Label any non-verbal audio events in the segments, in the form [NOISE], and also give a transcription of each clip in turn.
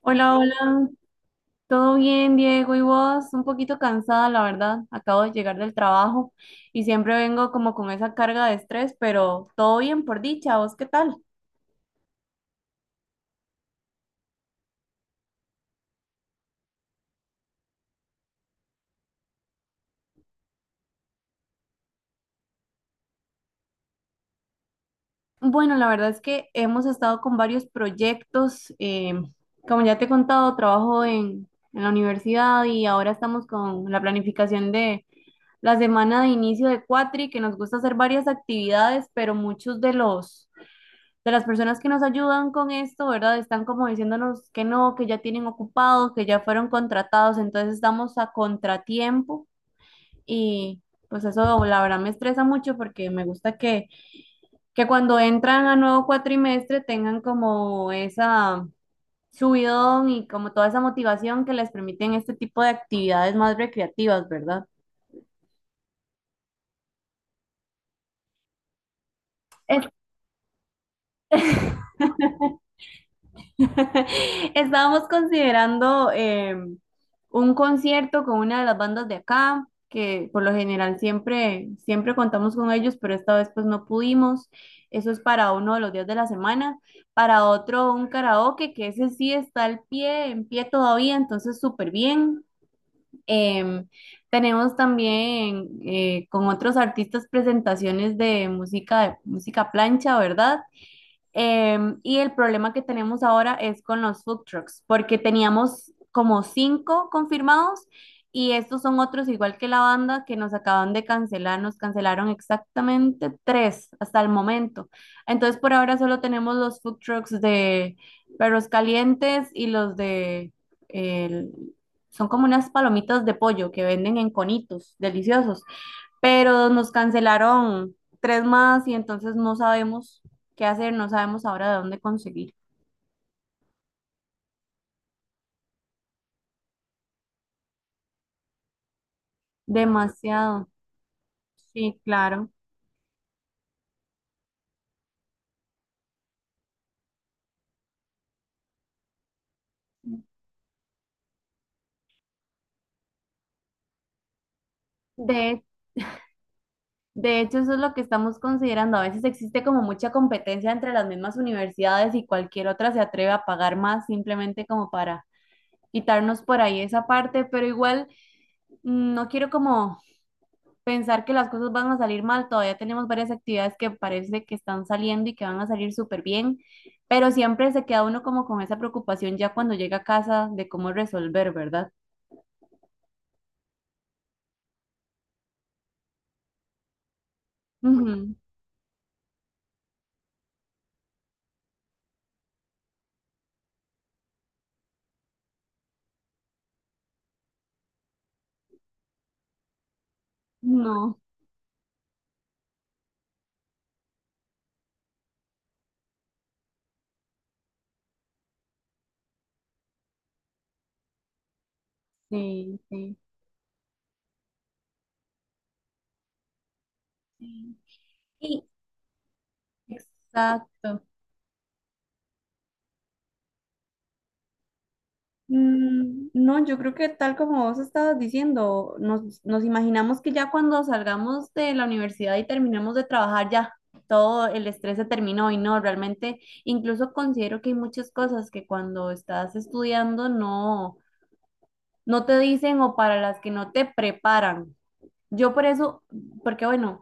Hola, hola. ¿Todo bien, Diego? ¿Y vos? Un poquito cansada, la verdad. Acabo de llegar del trabajo y siempre vengo como con esa carga de estrés, pero todo bien por dicha. ¿Vos qué tal? Bueno, la verdad es que hemos estado con varios proyectos. Como ya te he contado, trabajo en la universidad y ahora estamos con la planificación de la semana de inicio de Cuatri, que nos gusta hacer varias actividades, pero muchos de los de las personas que nos ayudan con esto, ¿verdad? Están como diciéndonos que no, que ya tienen ocupados, que ya fueron contratados, entonces estamos a contratiempo y pues eso la verdad me estresa mucho porque me gusta que cuando entran a nuevo cuatrimestre tengan como esa subidón y como toda esa motivación que les permiten este tipo de actividades más recreativas, ¿verdad? Es [LAUGHS] Estábamos considerando un concierto con una de las bandas de acá, que por lo general siempre contamos con ellos, pero esta vez pues no pudimos. Eso es para uno de los días de la semana. Para otro, un karaoke, que ese sí está al pie, en pie todavía, entonces súper bien. Em, Tenemos también con otros artistas presentaciones de música, música plancha, ¿verdad? Y el problema que tenemos ahora es con los food trucks, porque teníamos como cinco confirmados y estos son otros igual que la banda que nos acaban de cancelar, nos cancelaron exactamente tres hasta el momento. Entonces por ahora solo tenemos los food trucks de perros calientes y los de, el- son como unas palomitas de pollo que venden en conitos, deliciosos, pero nos cancelaron tres más y entonces no sabemos qué hacer, no sabemos ahora de dónde conseguir. Demasiado. Sí, claro. De, de hecho, eso es lo que estamos considerando. A veces existe como mucha competencia entre las mismas universidades y cualquier otra se atreve a pagar más simplemente como para quitarnos por ahí esa parte, pero igual no quiero como pensar que las cosas van a salir mal. Todavía tenemos varias actividades que parece que están saliendo y que van a salir súper bien, pero siempre se queda uno como con esa preocupación ya cuando llega a casa de cómo resolver, ¿verdad? Ujú. No, sí, sí. Sí, exacto. No, yo creo que tal como vos estabas diciendo, nos imaginamos que ya cuando salgamos de la universidad y terminemos de trabajar, ya todo el estrés se terminó y no, realmente incluso considero que hay muchas cosas que cuando estás estudiando no te dicen o para las que no te preparan. Yo por eso, porque bueno,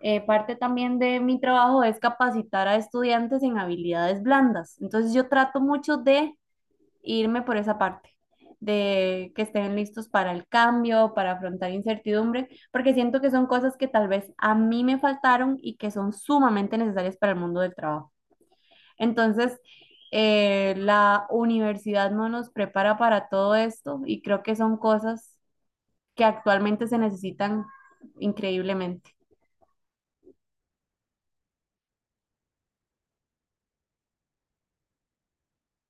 parte también de mi trabajo es capacitar a estudiantes en habilidades blandas. Entonces yo trato mucho de irme por esa parte de que estén listos para el cambio, para afrontar incertidumbre, porque siento que son cosas que tal vez a mí me faltaron y que son sumamente necesarias para el mundo del trabajo. Entonces, la universidad no nos prepara para todo esto y creo que son cosas que actualmente se necesitan increíblemente.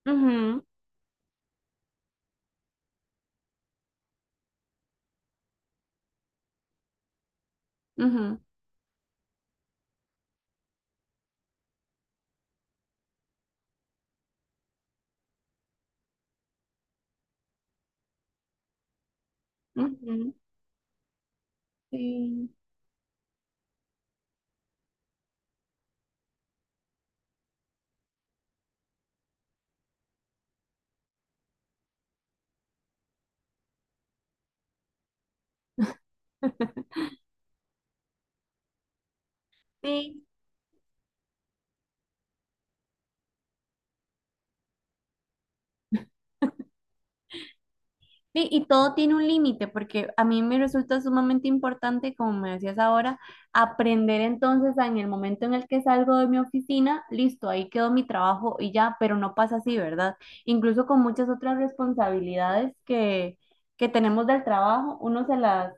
Ujú, ujú, ujú, sí. [LAUGHS] Sí, sí, y todo tiene un límite, porque a mí me resulta sumamente importante, como me decías ahora, aprender entonces a en el momento en el que salgo de mi oficina, listo, ahí quedó mi trabajo y ya, pero no pasa así, ¿verdad? Incluso con muchas otras responsabilidades que tenemos del trabajo, uno se las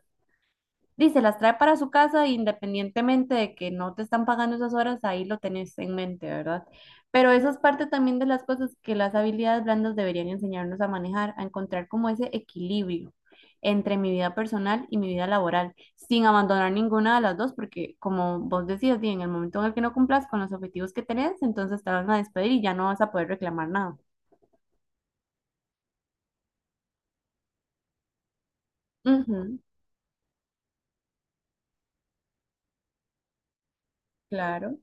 dice, las trae para su casa independientemente de que no te están pagando esas horas, ahí lo tenés en mente, ¿verdad? Pero esa es parte también de las cosas que las habilidades blandas deberían enseñarnos a manejar, a encontrar como ese equilibrio entre mi vida personal y mi vida laboral, sin abandonar ninguna de las dos, porque como vos decías, di, en el momento en el que no cumplas con los objetivos que tenés, entonces te van a despedir y ya no vas a poder reclamar nada. Ujú, claro.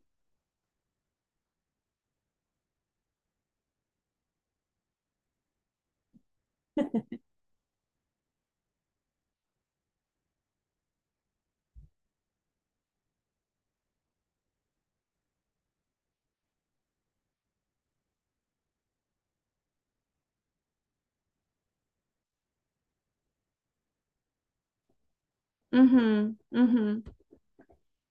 Ujú, ujú.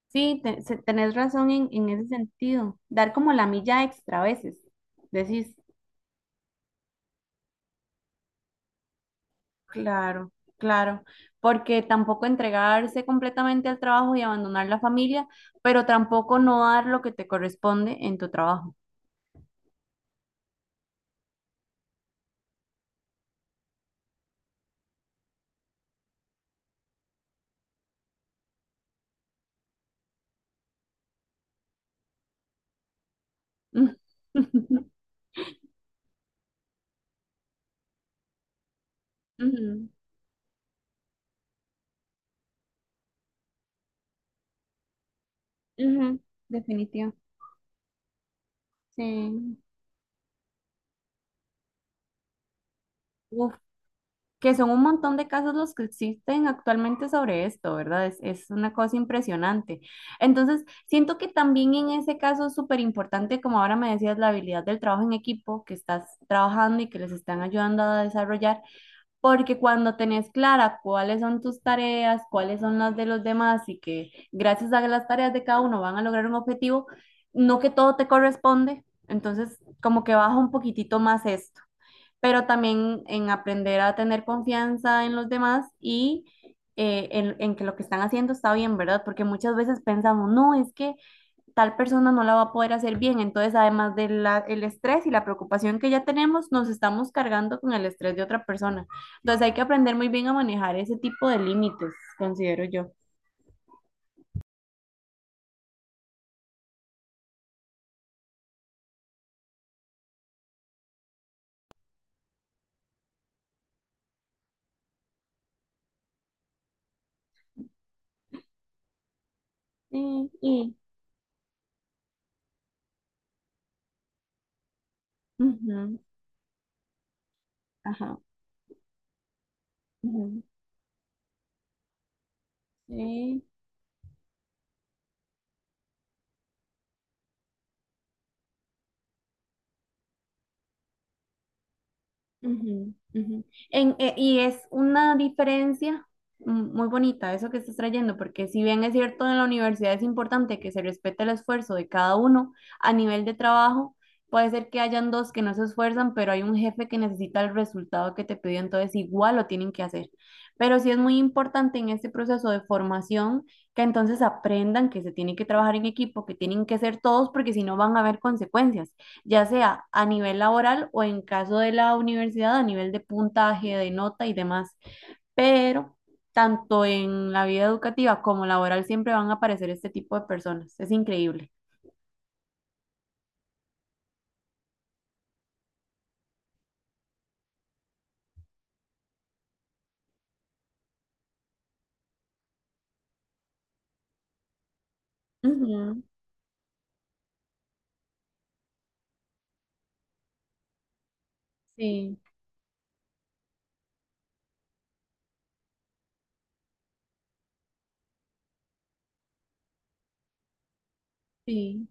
Sí, tenés razón en ese sentido. Dar como la milla extra a veces. Decís, claro, claro, porque tampoco entregarse completamente al trabajo y abandonar la familia, pero tampoco no dar lo que te corresponde en tu trabajo. [LAUGHS] Ujú, ujú, definitivo. Sí. Uf, que son un montón de casos los que existen actualmente sobre esto, ¿verdad? Es una cosa impresionante. Entonces, siento que también en ese caso es súper importante, como ahora me decías, la habilidad del trabajo en equipo, que estás trabajando y que les están ayudando a desarrollar, porque cuando tenés clara cuáles son tus tareas, cuáles son las de los demás y que gracias a las tareas de cada uno van a lograr un objetivo, no que todo te corresponde, entonces como que baja un poquitito más esto, pero también en aprender a tener confianza en los demás y en que lo que están haciendo está bien, ¿verdad? Porque muchas veces pensamos, no, es que tal persona no la va a poder hacer bien, entonces además del el estrés y la preocupación que ya tenemos, nos estamos cargando con el estrés de otra persona. Entonces hay que aprender muy bien a manejar ese tipo de límites, considero yo. Sí, y, ujú, ajá, ujú, sí. Ujú, ujú. Y es una diferencia muy bonita eso que estás trayendo, porque si bien es cierto en la universidad es importante que se respete el esfuerzo de cada uno a nivel de trabajo, puede ser que hayan dos que no se esfuerzan, pero hay un jefe que necesita el resultado que te pidió, entonces igual lo tienen que hacer. Pero sí es muy importante en este proceso de formación que entonces aprendan que se tiene que trabajar en equipo, que tienen que ser todos, porque si no van a haber consecuencias ya sea a nivel laboral o en caso de la universidad a nivel de puntaje, de nota y demás. Pero tanto en la vida educativa como laboral siempre van a aparecer este tipo de personas. Es increíble. Ujú, sí, sí,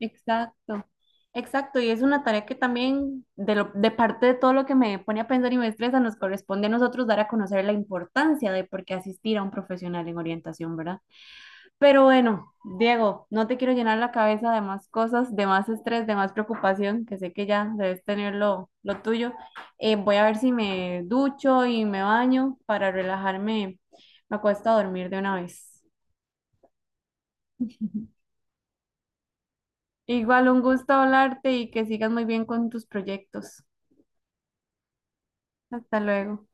exacto. Exacto, y es una tarea que también de, de parte de todo lo que me pone a pensar y me estresa, nos corresponde a nosotros dar a conocer la importancia de por qué asistir a un profesional en orientación, ¿verdad? Pero bueno, Diego, no te quiero llenar la cabeza de más cosas, de más estrés, de más preocupación, que sé que ya debes tener lo tuyo. Voy a ver si me ducho y me baño para relajarme. Me acuesto a dormir de una vez. [LAUGHS] Igual un gusto hablarte y que sigas muy bien con tus proyectos. Hasta luego.